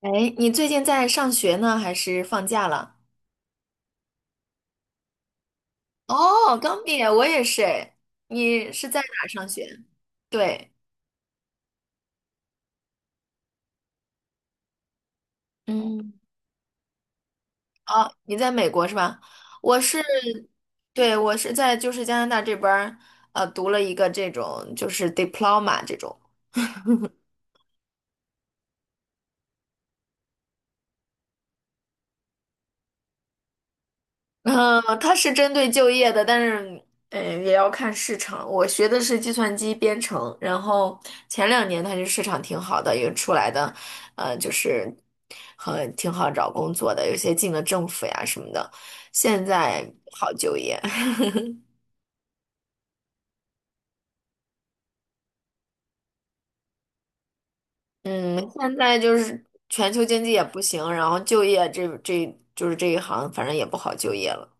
哎，你最近在上学呢，还是放假了？哦，刚毕业，我也是哎。你是在哪儿上学？对，嗯，哦，你在美国是吧？我是，对，我是在就是加拿大这边儿，读了一个这种就是 diploma 这种。嗯，它是针对就业的，但是嗯，也要看市场。我学的是计算机编程，然后前两年它就市场挺好的，有出来的，就是很挺好找工作的，有些进了政府呀什么的，现在不好就业。嗯，现在就是全球经济也不行，然后就业这就是这一行，反正也不好就业了。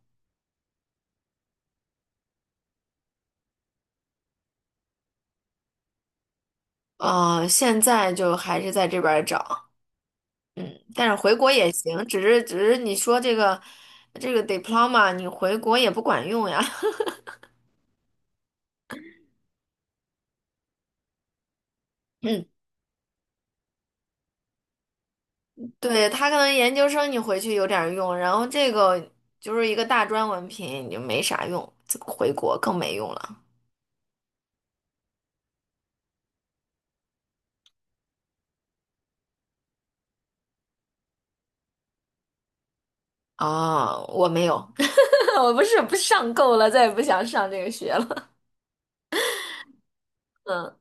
现在就还是在这边儿找。但是回国也行，只是你说这个这个 diploma 你回国也不管用呀。嗯，对，他可能研究生你回去有点儿用，然后这个就是一个大专文凭，你就没啥用，这个回国更没用了。啊。我没有，我不是不上够了，再也不想上这个学了。嗯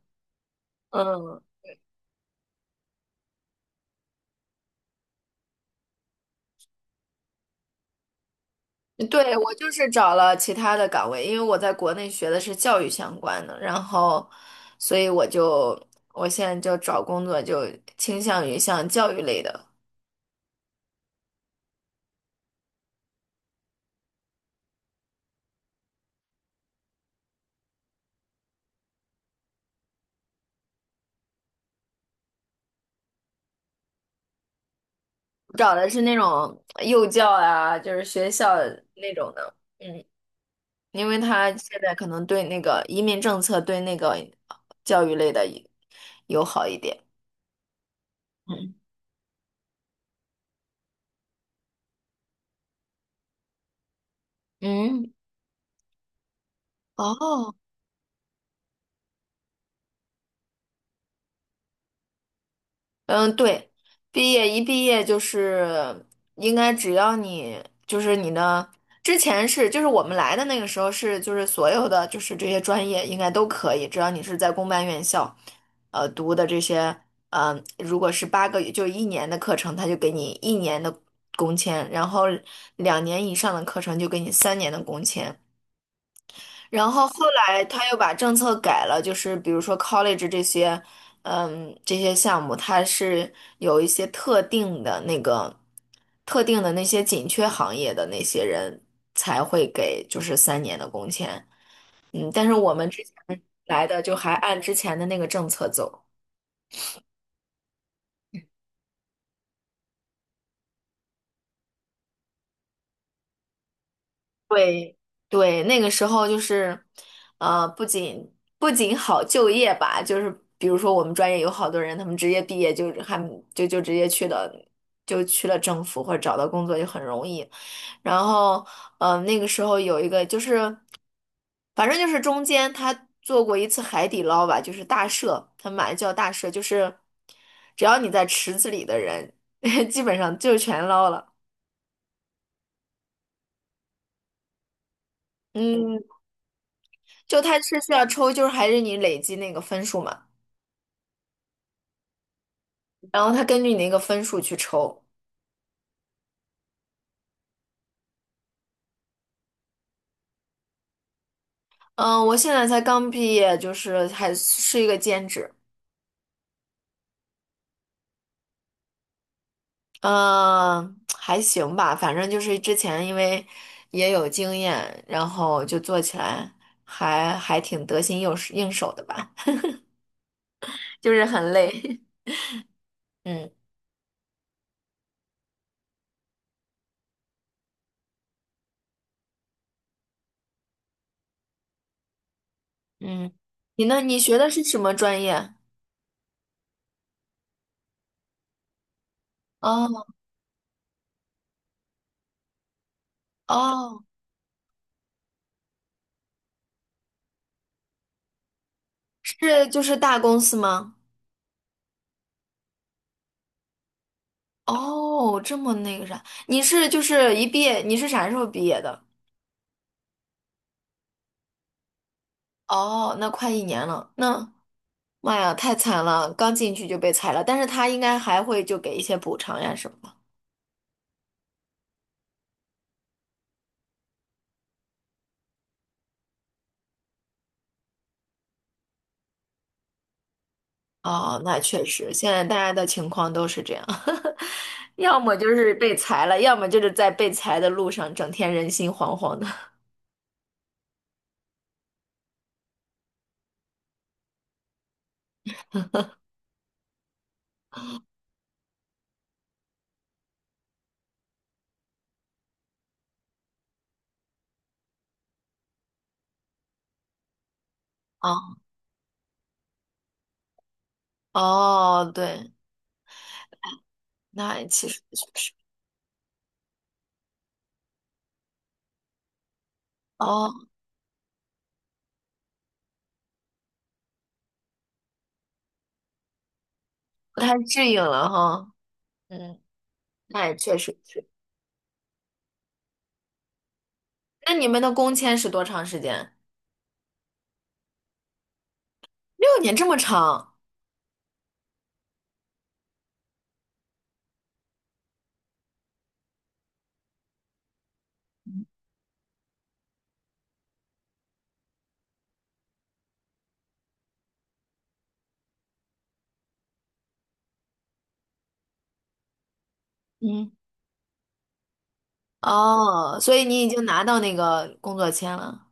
嗯。对，我就是找了其他的岗位，因为我在国内学的是教育相关的，然后，所以我就我现在就找工作就倾向于像教育类的，找的是那种幼教啊，就是学校那种的，嗯，因为他现在可能对那个移民政策对那个教育类的友好一点，嗯嗯，哦，嗯，对，毕业一毕业就是应该只要你就是你的之前是就是我们来的那个时候是就是所有的就是这些专业应该都可以，只要你是在公办院校，读的这些，嗯、如果是八个月就一年的课程，他就给你一年的工签，然后两年以上的课程就给你三年的工签。然后后来他又把政策改了，就是比如说 college 这些，嗯，这些项目，它是有一些特定的那个特定的那些紧缺行业的那些人才会给就是三年的工签，嗯，但是我们之前来的就还按之前的那个政策走。对对，那个时候就是，呃，不仅好就业吧，就是比如说我们专业有好多人，他们直接毕业就还就直接去了，就去了政府或者找到工作就很容易。然后，那个时候有一个就是，反正就是中间他做过一次海底捞吧，就是大赦，他们把它叫大赦，就是只要你在池子里的人，基本上就全捞了。嗯，就他是需要抽，就是还是你累积那个分数嘛，然后他根据你那个分数去抽。嗯，我现在才刚毕业，就是还是一个兼职，嗯，还行吧，反正就是之前因为也有经验，然后就做起来还挺得心应手的吧，就是很累。嗯嗯，你呢？你学的是什么专业？哦哦，是就是大公司吗？哦，这么那个啥，你是就是一毕业，你是啥时候毕业的？哦，那快一年了，那妈呀，太惨了，刚进去就被裁了，但是他应该还会就给一些补偿呀什么的。哦，那确实，现在大家的情况都是这样，要么就是被裁了，要么就是在被裁的路上，整天人心惶惶的。哦，哦，对，那其实确实，哦，不太适应了哈。嗯，那也确实是。那你们的工签是多长时间？六年这么长嗯，哦，所以你已经拿到那个工作签了，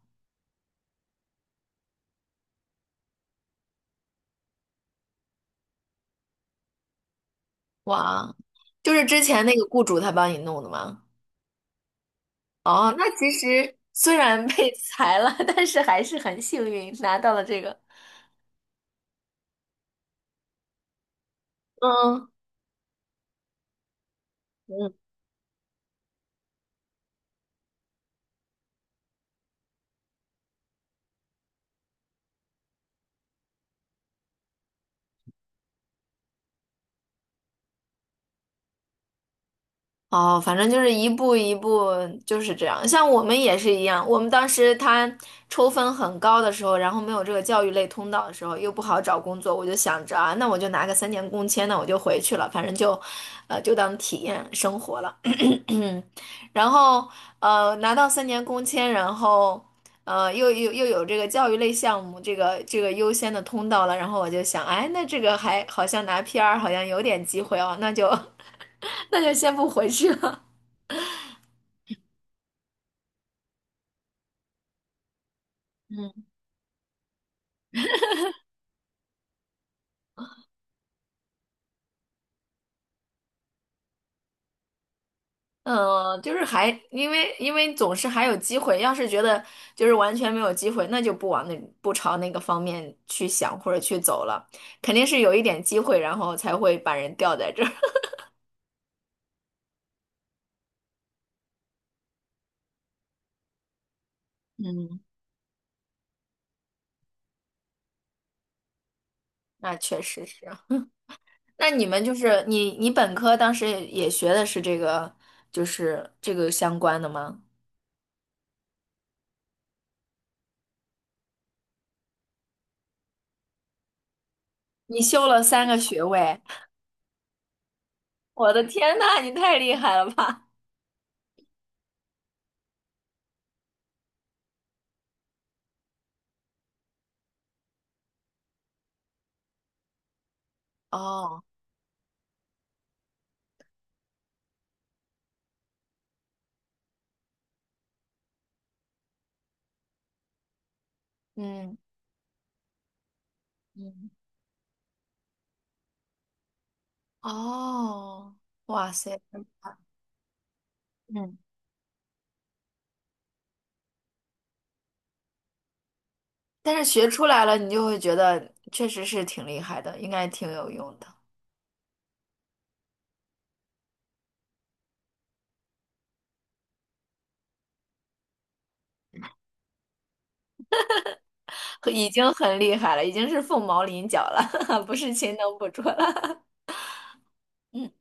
哇，就是之前那个雇主他帮你弄的吗？哦，那其实虽然被裁了，但是还是很幸运拿到了这个。嗯哦，反正就是一步一步就是这样。像我们也是一样，我们当时他抽分很高的时候，然后没有这个教育类通道的时候，又不好找工作，我就想着啊，那我就拿个三年工签，那我就回去了，反正就，就当体验生活了。然后拿到三年工签，然后呃，又有这个教育类项目，这个这个优先的通道了，然后我就想，哎，那这个还好像拿 PR 好像有点机会哦，那就 那就先不回去了。嗯，就是还因为总是还有机会，要是觉得就是完全没有机会，那就不往那不朝那个方面去想或者去走了，肯定是有一点机会，然后才会把人吊在这儿。嗯，那确实是啊。那你们就是你本科当时也学的是这个，就是这个相关的吗？你修了三个学位，我的天呐，你太厉害了吧！哦，嗯嗯，哦，哇塞。嗯。但是学出来了，你就会觉得确实是挺厉害的，应该挺有用的，和已经很厉害了，已经是凤毛麟角了，不是勤能补拙了。嗯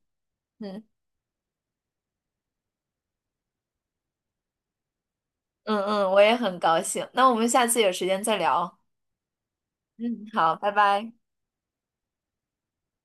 嗯嗯嗯，我也很高兴。那我们下次有时间再聊。嗯，好，拜拜。